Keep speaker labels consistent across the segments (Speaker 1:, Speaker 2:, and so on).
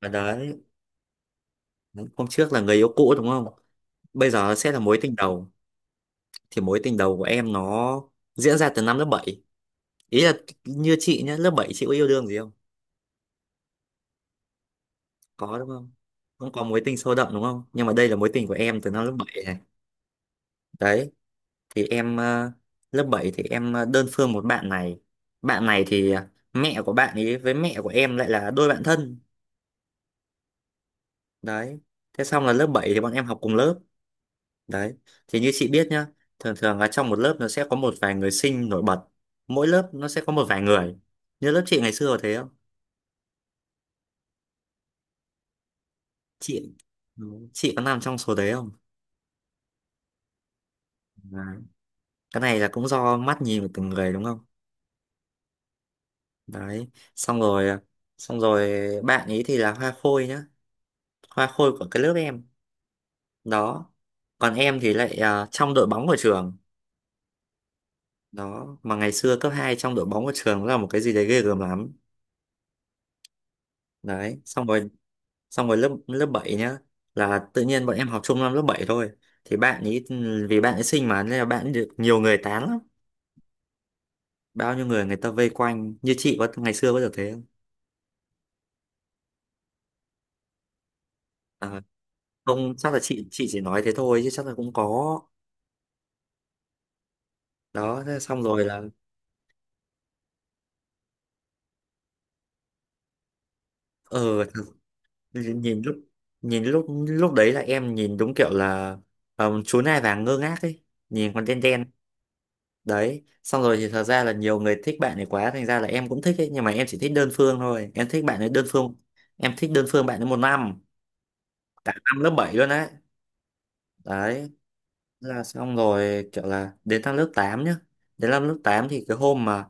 Speaker 1: Và đấy, hôm trước là người yêu cũ đúng không? Bây giờ sẽ là mối tình đầu. Thì mối tình đầu của em nó diễn ra từ năm lớp bảy. Ý là như chị nhá, lớp 7 chị có yêu đương gì không? Có đúng không? Không có mối tình sâu đậm đúng không? Nhưng mà đây là mối tình của em từ năm lớp 7 này. Đấy, thì em lớp 7 thì em đơn phương một bạn này. Bạn này thì mẹ của bạn ấy với mẹ của em lại là đôi bạn thân. Đấy. Thế xong là lớp 7 thì bọn em học cùng lớp. Đấy, thì như chị biết nhá, thường thường là trong một lớp nó sẽ có một vài người sinh nổi bật. Mỗi lớp nó sẽ có một vài người. Như lớp chị ngày xưa có thế không? Chị ừ, chị có nằm trong số đấy không? Đấy. Cái này là cũng do mắt nhìn của từng người đúng không? Đấy, xong rồi xong rồi bạn ấy thì là hoa khôi nhá, hoa khôi của cái lớp em. Đó. Còn em thì lại trong đội bóng của trường. Đó, mà ngày xưa cấp 2 trong đội bóng của trường là một cái gì đấy ghê gớm lắm. Đấy, xong rồi lớp lớp 7 nhá, là tự nhiên bọn em học chung năm lớp 7 thôi, thì bạn ấy, vì bạn ấy xinh mà nên là bạn ấy được nhiều người tán lắm, bao nhiêu người người ta vây quanh như chị có ngày xưa có được thế không. à, Không, chắc là chị chỉ nói thế thôi chứ chắc là cũng có. Đó thế xong rồi là ờ thật- nhìn lúc nhìn lúc lúc đấy là em nhìn đúng kiểu là chú nai vàng ngơ ngác ấy, nhìn còn đen đen. Đấy xong rồi thì thật ra là nhiều người thích bạn ấy quá thành ra là em cũng thích ấy, nhưng mà em chỉ thích đơn phương thôi, em thích bạn ấy đơn phương. Em thích đơn phương bạn ấy một năm, cả năm lớp 7 luôn đấy. Đấy. Là xong rồi kiểu là đến năm lớp 8 nhá. Đến năm lớp 8 thì cái hôm mà,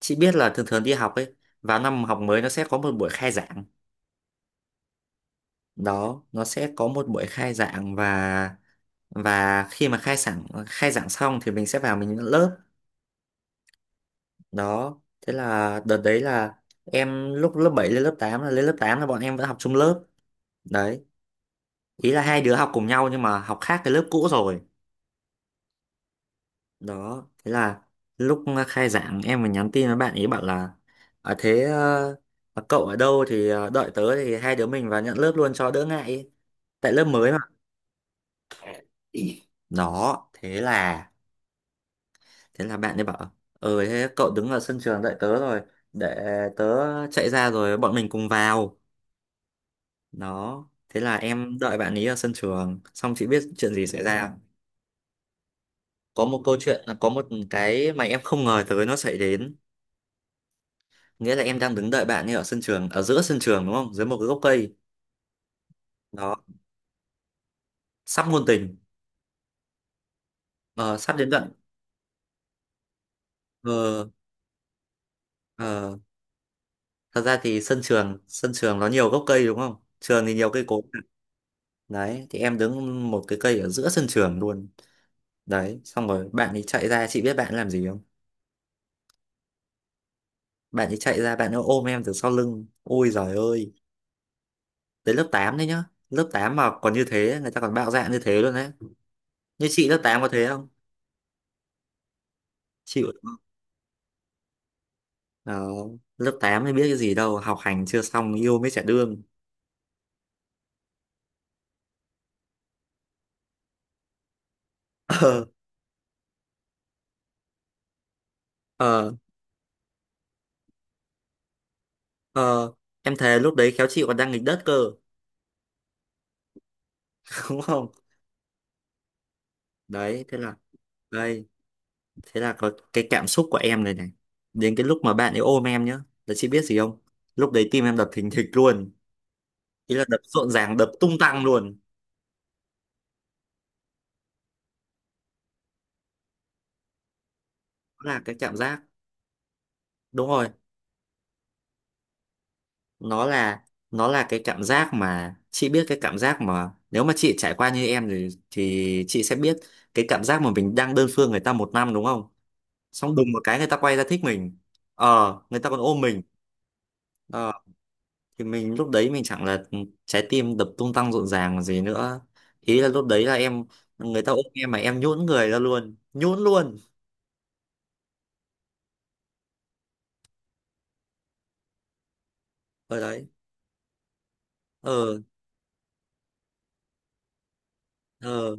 Speaker 1: chị biết là thường thường đi học ấy, vào năm học mới nó sẽ có một buổi khai giảng. Đó, nó sẽ có một buổi khai giảng và khi mà khai giảng xong thì mình sẽ vào mình nhận lớp. Đó. Thế là đợt đấy là em lúc lớp 7 lên lớp tám là bọn em vẫn học chung lớp. Đấy, ý là hai đứa học cùng nhau nhưng mà học khác cái lớp cũ rồi. Đó, thế là lúc khai giảng em mới nhắn tin với bạn ấy bảo là à, thế ờ, mà cậu ở đâu thì đợi tớ thì hai đứa mình vào nhận lớp luôn cho đỡ ngại ý, tại lớp mới mà. Đó, thế là bạn ấy bảo thế cậu đứng ở sân trường đợi tớ rồi, để tớ chạy ra rồi bọn mình cùng vào. Đó, thế là em đợi bạn ấy ở sân trường, xong chị biết chuyện gì xảy ra. Có một cái mà em không ngờ tới nó xảy đến. Nghĩa là em đang đứng đợi bạn ấy ở sân trường, ở giữa sân trường đúng không? Dưới một cái gốc cây. Đó, sắp ngôn tình, ờ, sắp đến đoạn. Ờ, ờ. Thật ra thì sân trường nó nhiều gốc cây đúng không? Trường thì nhiều cây cối. Đấy, thì em đứng một cái cây ở giữa sân trường luôn. Đấy, xong rồi bạn ấy chạy ra, chị biết bạn ấy làm gì không? Bạn ấy chạy ra, bạn ấy ôm em từ sau lưng. Ôi giời ơi. Đến lớp 8 đấy nhá. Lớp 8 mà còn như thế, người ta còn bạo dạn như thế luôn đấy. Như chị lớp 8 có thế không? Chịu đúng không? Ờ, lớp 8 thì biết cái gì đâu, học hành chưa xong yêu mới chả đương. Ờ, ờ, ờ. Em thề lúc đấy khéo chị còn đang nghịch đất cơ, đúng không? Đấy, thế là đây, thế là có cái cảm xúc của em này này. Đến cái lúc mà bạn ấy ôm em nhá, là chị biết gì không? Lúc đấy tim em đập thình thịch luôn, ý là đập rộn ràng, đập tung tăng luôn. Đó là cái cảm giác, đúng rồi. nó là nó là cái cảm giác mà, chị biết cái cảm giác mà nếu mà chị trải qua như em thì chị sẽ biết, cái cảm giác mà mình đang đơn phương người ta một năm đúng không, xong đùng một cái người ta quay ra thích mình, người ta còn ôm mình. ờ thì mình lúc đấy mình chẳng là trái tim đập tung tăng rộn ràng còn gì nữa. Ý là lúc đấy là em, người ta ôm em mà em nhũn người ra luôn, nhũn luôn. Ở đấy. Ờ. Ờ.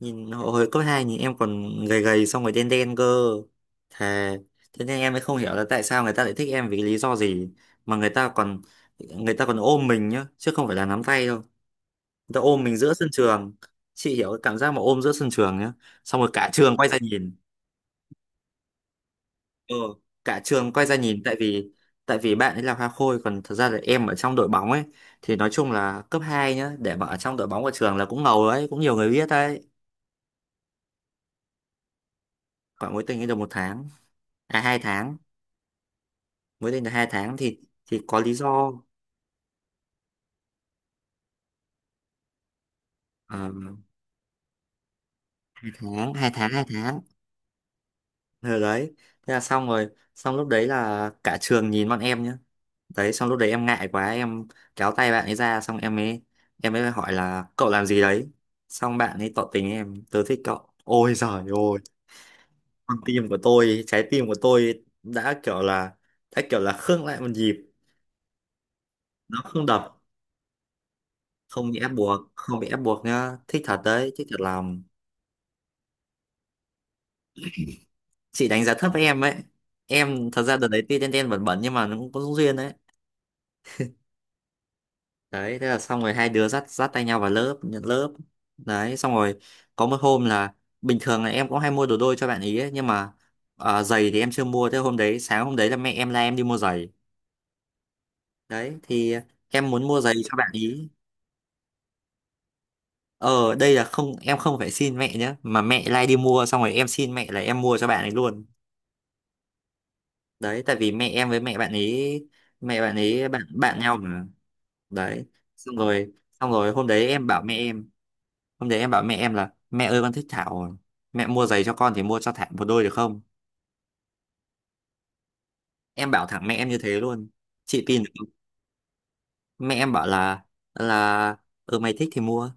Speaker 1: Nhìn hồi hồi cấp 2 nhìn em còn gầy gầy xong rồi đen đen cơ, thề. Thế nên em mới không hiểu là tại sao người ta lại thích em vì lý do gì, mà người ta còn, người ta còn ôm mình nhá chứ không phải là nắm tay đâu, người ta ôm mình giữa sân trường. Chị hiểu cái cảm giác mà ôm giữa sân trường nhá, xong rồi cả trường quay ra nhìn. Ừ, cả trường quay ra nhìn tại vì bạn ấy là hoa khôi còn thật ra là em ở trong đội bóng ấy, thì nói chung là cấp 2 nhá, để mà ở trong đội bóng của trường là cũng ngầu đấy, cũng nhiều người biết đấy. Khoảng mối tình ấy được một tháng, à hai tháng. Mới đây là hai tháng thì có lý do. Ờ, hai tháng, hai tháng, hai tháng. Rồi đấy, thế là xong rồi. Xong lúc đấy là cả trường nhìn bọn em nhá, đấy xong lúc đấy em ngại quá em kéo tay bạn ấy ra, xong em ấy hỏi là cậu làm gì đấy, xong bạn ấy tỏ tình em, tớ thích cậu. Ôi giời ôi, con tim của tôi trái tim của tôi đã kiểu là khựng lại một nhịp, nó không đập. Không bị ép buộc, không bị ép buộc nhá, thích thật đấy, thích thật lòng. Chị đánh giá thấp em ấy. Em thật ra đợt đấy tuy đen đen bẩn bẩn nhưng mà nó cũng có duyên đấy. Đấy thế là xong rồi, hai đứa dắt dắt tay nhau vào lớp nhận lớp. Đấy xong rồi có một hôm là, bình thường là em cũng hay mua đồ đôi cho bạn ý ấy, nhưng mà giày thì em chưa mua, thế hôm đấy sáng hôm đấy là mẹ em la em đi mua giày. Đấy thì em muốn mua giày cho bạn ý. Ờ Đây là không, em không phải xin mẹ nhé, mà mẹ lai đi mua xong rồi em xin mẹ là em mua cho bạn ấy luôn. Đấy, tại vì mẹ em với mẹ bạn ấy, mẹ bạn ấy bạn bạn nhau mà. Đấy, xong rồi xong rồi hôm đấy em bảo mẹ em, là mẹ ơi con thích Thảo, mẹ mua giày cho con thì mua cho Thảo một đôi được không. Em bảo thẳng mẹ em như thế luôn, chị tin được không? Mẹ em bảo là, là ừ mày thích thì mua,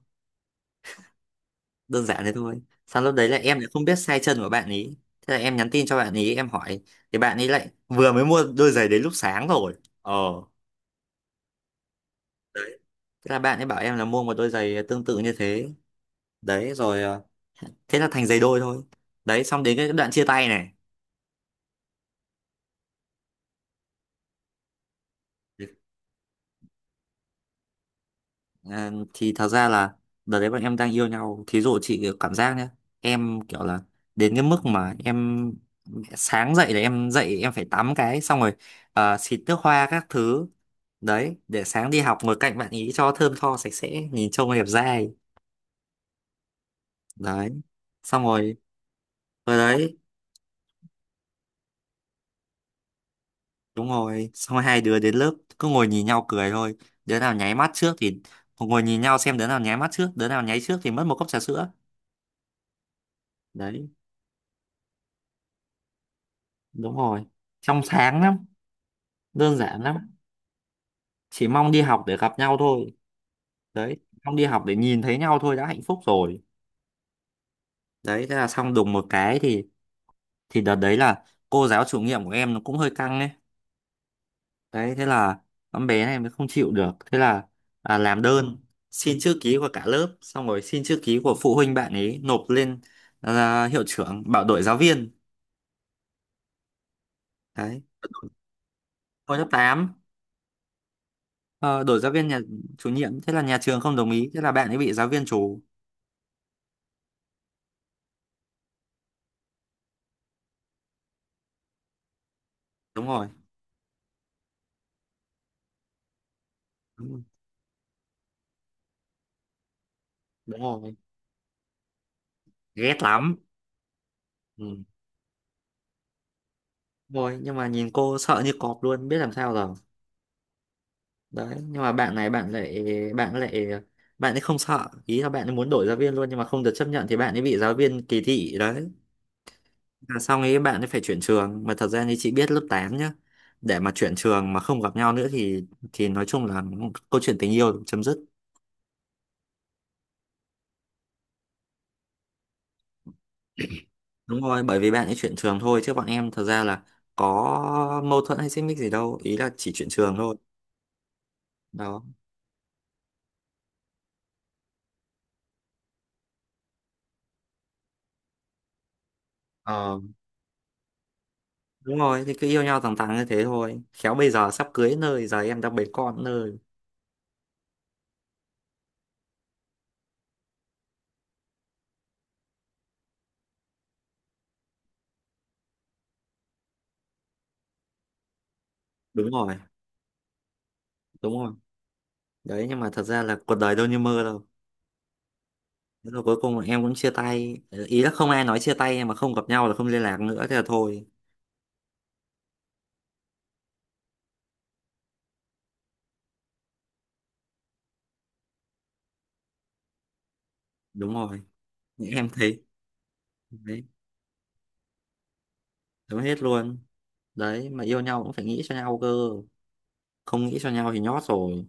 Speaker 1: đơn giản thế thôi. Xong lúc đấy là em lại không biết size chân của bạn ý thế là em nhắn tin cho bạn ý em hỏi, thì bạn ấy lại vừa mới mua đôi giày đấy lúc sáng rồi. ờ Đấy, thế là bạn ấy bảo em là mua một đôi giày tương tự như thế, đấy rồi thế là thành giày đôi thôi. Đấy, xong đến cái đoạn chia tay này. Thì thật ra là đợt đấy bọn em đang yêu nhau, thí dụ chị cảm giác nhé, em kiểu là đến cái mức mà em sáng dậy là em dậy em phải tắm cái xong rồi xịt nước hoa các thứ, đấy để sáng đi học ngồi cạnh bạn ý cho thơm tho sạch sẽ nhìn trông đẹp dai. Đấy xong rồi, rồi đấy, đúng rồi xong rồi hai đứa đến lớp cứ ngồi nhìn nhau cười thôi, đứa nào nháy mắt trước thì, ngồi nhìn nhau xem đứa nào nháy mắt trước, đứa nào nháy trước thì mất một cốc trà sữa. Đấy. Đúng rồi, trong sáng lắm, đơn giản lắm. Chỉ mong đi học để gặp nhau thôi, đấy mong đi học để nhìn thấy nhau thôi đã hạnh phúc rồi. Đấy thế là xong đùng một cái thì, đợt đấy là cô giáo chủ nhiệm của em nó cũng hơi căng ấy. Đấy thế là con bé này mới không chịu được, thế là làm đơn xin chữ ký của cả lớp xong rồi xin chữ ký của phụ huynh bạn ấy nộp lên, hiệu trưởng bảo đổi giáo viên. Đấy hồi lớp tám. Ờ, Đổi giáo viên nhà chủ nhiệm, thế là nhà trường không đồng ý thế là bạn ấy bị giáo viên trù. Đúng rồi. Đúng rồi. Đúng rồi. Ghét lắm. Ừ. Rồi nhưng mà nhìn cô sợ như cọp luôn biết làm sao rồi. Đấy nhưng mà bạn này, bạn lại bạn ấy không sợ, ý là bạn ấy muốn đổi giáo viên luôn nhưng mà không được chấp nhận thì bạn ấy bị giáo viên kỳ thị. Đấy là xong ấy, bạn ấy phải chuyển trường, mà thật ra như chị biết lớp 8 nhá, để mà chuyển trường mà không gặp nhau nữa thì, nói chung là câu chuyện tình yêu chấm dứt. Đúng rồi, bởi vì bạn ấy chuyển trường thôi chứ bọn em thật ra là có mâu thuẫn hay xích mích gì đâu, ý là chỉ chuyển trường thôi. Đó. Ờ, đúng rồi, thì cứ yêu nhau thẳng thắn như thế thôi khéo bây giờ sắp cưới nơi, giờ em đang bế con nơi. Đúng rồi. Đúng rồi. Đấy nhưng mà thật ra là cuộc đời đâu như mơ đâu. Thế rồi cuối cùng em cũng chia tay. Ờ, ý là không ai nói chia tay mà không gặp nhau là không liên lạc nữa thế là thôi. Đúng rồi. Em thấy đấy, chấm hết luôn. Đấy mà yêu nhau cũng phải nghĩ cho nhau cơ, không nghĩ cho nhau thì nhót rồi.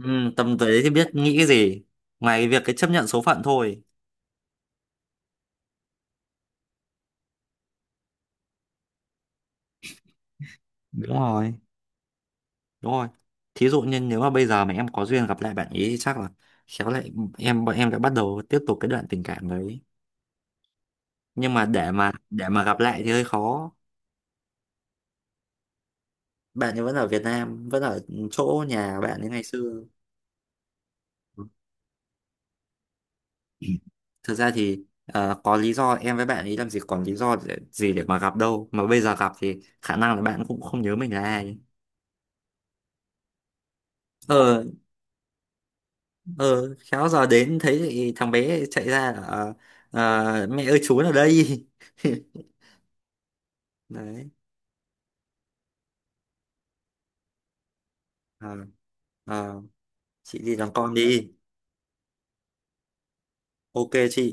Speaker 1: Ừ, tầm tuổi đấy thì biết nghĩ cái gì ngoài cái việc cái chấp nhận số phận thôi. Đúng rồi. Đúng rồi. Thí dụ như nếu mà bây giờ mà em có duyên gặp lại bạn ý thì chắc là khéo lại, bọn em đã bắt đầu tiếp tục cái đoạn tình cảm đấy. Nhưng mà để mà gặp lại thì hơi khó. Bạn ấy vẫn ở Việt Nam, vẫn ở chỗ nhà bạn ấy ngày xưa. Thực ra thì có lý do, em với bạn ấy làm gì còn gì để mà gặp đâu. Mà bây giờ gặp thì khả năng là bạn cũng không nhớ mình là ai. Ờ, ờ, khéo giờ đến thấy thì thằng bé chạy ra là mẹ ơi chú ở đây. Đấy. Ờ. Ờ. Chị đi làm con đi. OK chị.